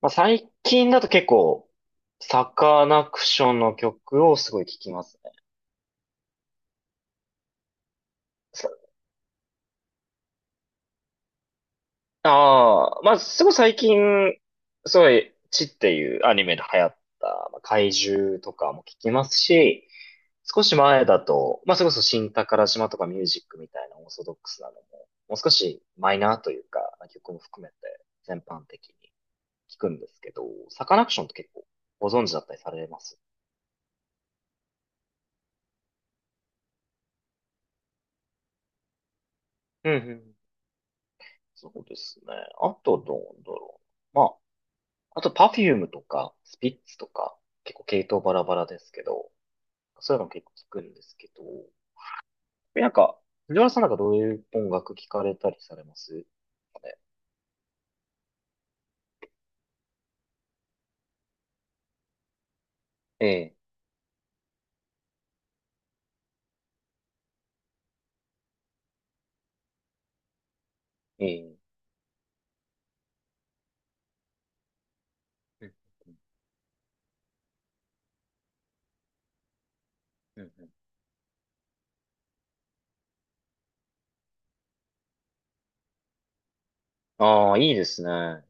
まあ、最近だと結構、サカナクションの曲をすごい聴きますね。さああ、まあ、すごい最近、すごい、チっていうアニメで流行った、まあ、怪獣とかも聴きますし、少し前だと、まあ、それこそ新宝島とかミュージックみたいなオーソドックスなのも、もう少しマイナーというか、曲も含めて全般的に聴くんですけど、サカナクションって結構ご存知だったりされます？うんうん。そうですね。あとどうだろう。まあ、あとパフュームとか、スピッツとか、結構系統バラバラですけど、そういうの結構聞くんですけど、なんか、藤原さんなんかどういう音楽聞かれたりされますかね？ええ、ええ。うんうんうんうん。ああ、いいですね。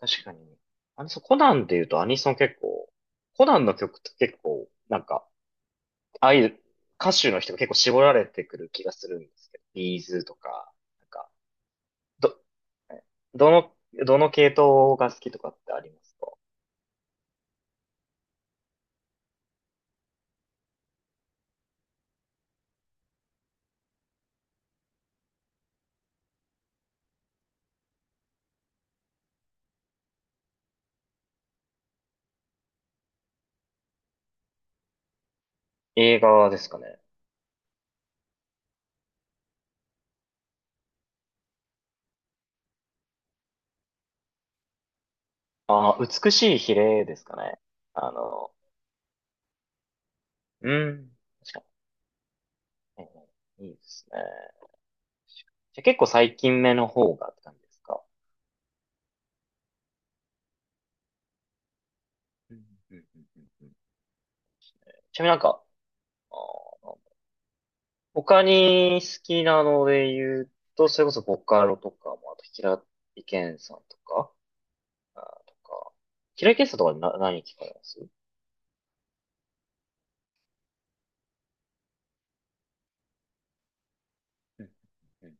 確かに。そうコナンで言うとアニソン結構、コナンの曲って結構、なんか、ああいう歌手の人が結構絞られてくる気がするんですけど、ビーズとか、なんか、ど、どの、どの系統が好きとかってありますか？映画ですかね。ああ、美しい比例ですかね。あの、うん。確かに。いいですね。じゃあ結構最近目の方がって感じですか。うんうんうんうんうん。ちなみになんか、あー他に好きなので言うと、それこそボカロとかも、あと平井堅さんとか、あーとか、平井堅さんとかな何聞かれます？うんうん。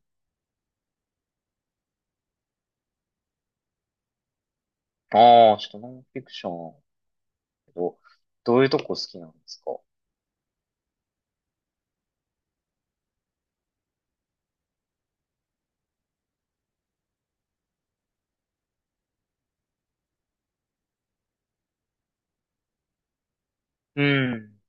ちょっとノンフィクション。けど、どういうとこ好きなんですか？うん。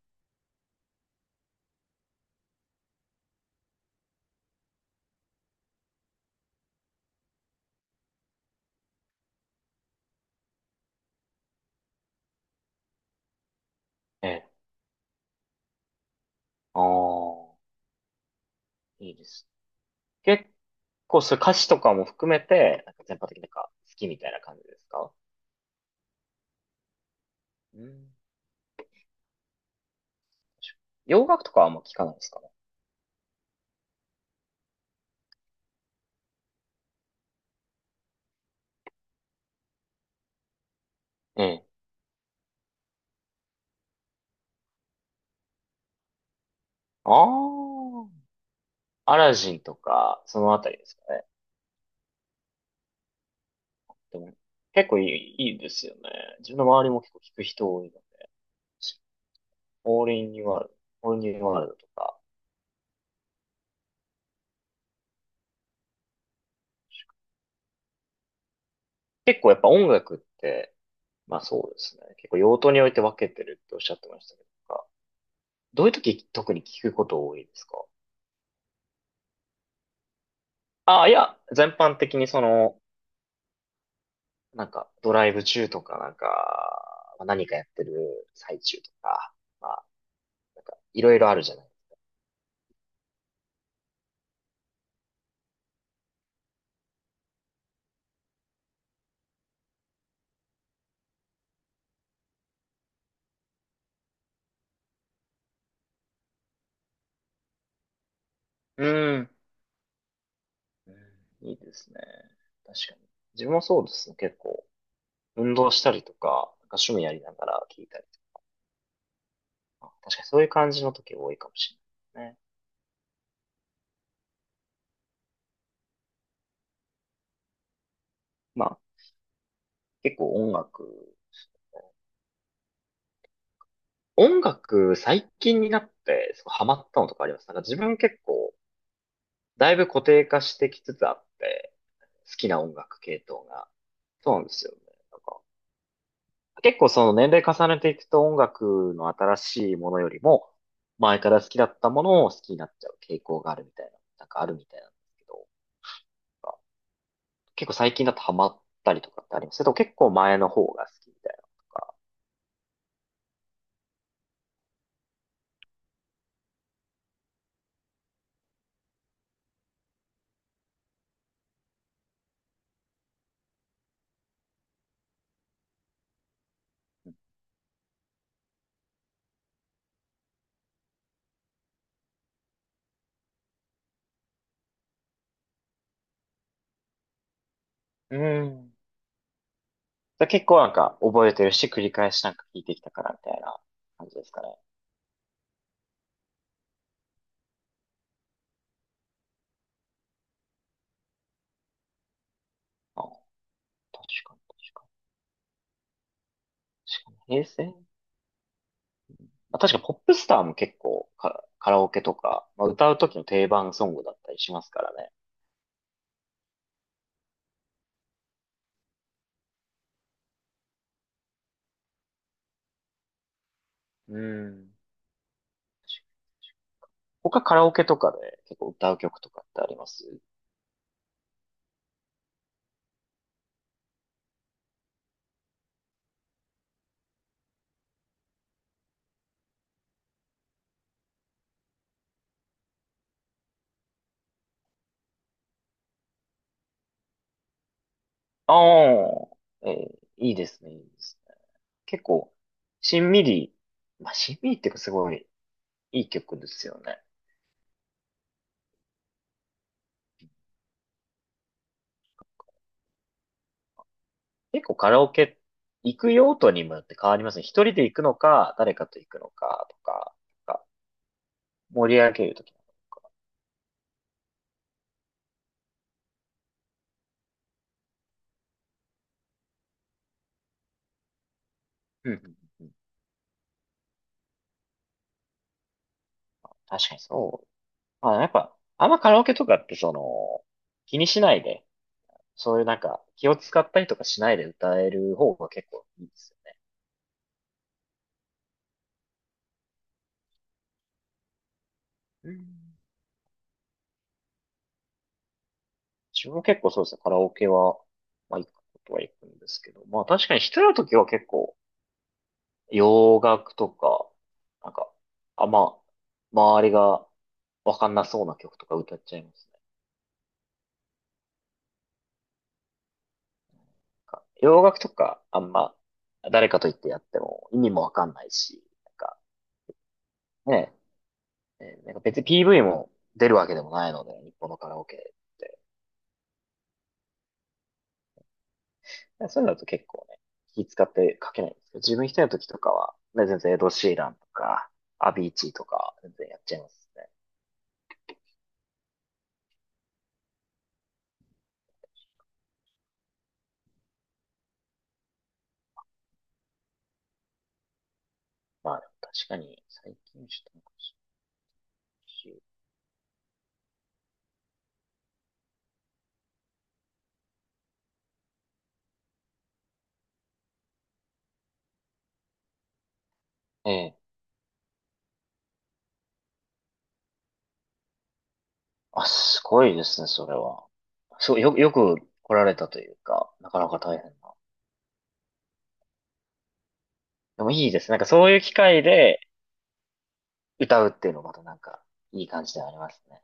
ええ。ああ、いいです。結構、そういう歌詞とかも含めて、なんか全般的になんか好きみたいな感じですか？うん。洋楽とかはあんま聞かないですかね？ええ。ああ、アラジンとか、そのあたりですかね。でも、結構いい、いいですよね。自分の周りも結構聞く人多いので、オールインニューワールオールインニューワールドとか。結構やっぱ音楽って、まあそうですね。結構用途において分けてるっておっしゃってましたけど、なんかどういう時特に聞くこと多いですか？ああ、いや、全般的になんかドライブ中とかなんか、まあ何かやってる最中とか、まあなんかいろいろあるじゃない。うん。うん。いいですね。確かに。自分もそうですね。結構運動したりとか、なんか趣味やりながら聞いたりとか、確かにそういう感じの時多いかもしれないですね。まあ結構音楽、最近になって、すごいハマったのとかあります？なんか自分結構、だいぶ固定化してきつつあって、好きな音楽系統が。そうなんですよね。なんか、結構その年齢重ねていくと音楽の新しいものよりも、前から好きだったものを好きになっちゃう傾向があるみたいな、なんかあるみたいなんですけど、なんか結構最近だとハマったりとかってありますけど、それとも結構前の方が好きみたいなのとか。うん。だから結構なんか覚えてるし、繰り返しなんか聞いてきたからみたいな感じですかね。あ、確かに、確かに。確かに、平成。まあ、確かにポップスターも結構カラオケとか、まあ、歌う時の定番ソングだったりしますからね。うん。他カラオケとかで結構歌う曲とかってあります？ああいいですね、いいですね。結構、しんみり、しんみりっていうかすごいいい曲ですよね。結構カラオケ行く用途にもよって変わりますね。一人で行くのか、誰かと行くのかとか、なんか盛り上げるとき。うんうんうん。確かにそう。まあ、やっぱ、あんまカラオケとかって気にしないで、そういうなんか気を使ったりとかしないで歌える方が結構いいですよね。うん。自分も結構そうですね、カラオケは、まあ行くことは行くんですけど、まあ確かに一人の時は結構洋楽とか、なんか、あんま、周りがわかんなそうな曲とか歌っちゃいますね。なんか洋楽とかあんま誰かと言ってやっても意味もわかんないし、なんかね、ねなんか別に PV も出るわけでもないので、日本のカラオケって。そういうのだと結構ね、気使って書けないんですけど、自分一人の時とかは、ね、全然エド・シーランとか、アビーチーとか、全然やっちゃいますね。まあでも確かに、最近ちょっとなんかええ。あ、すごいですね、それは。そう、よく来られたというか、なかなか大変な。でもいいです。なんかそういう機会で歌うっていうのもまたなんか、いい感じではありますね。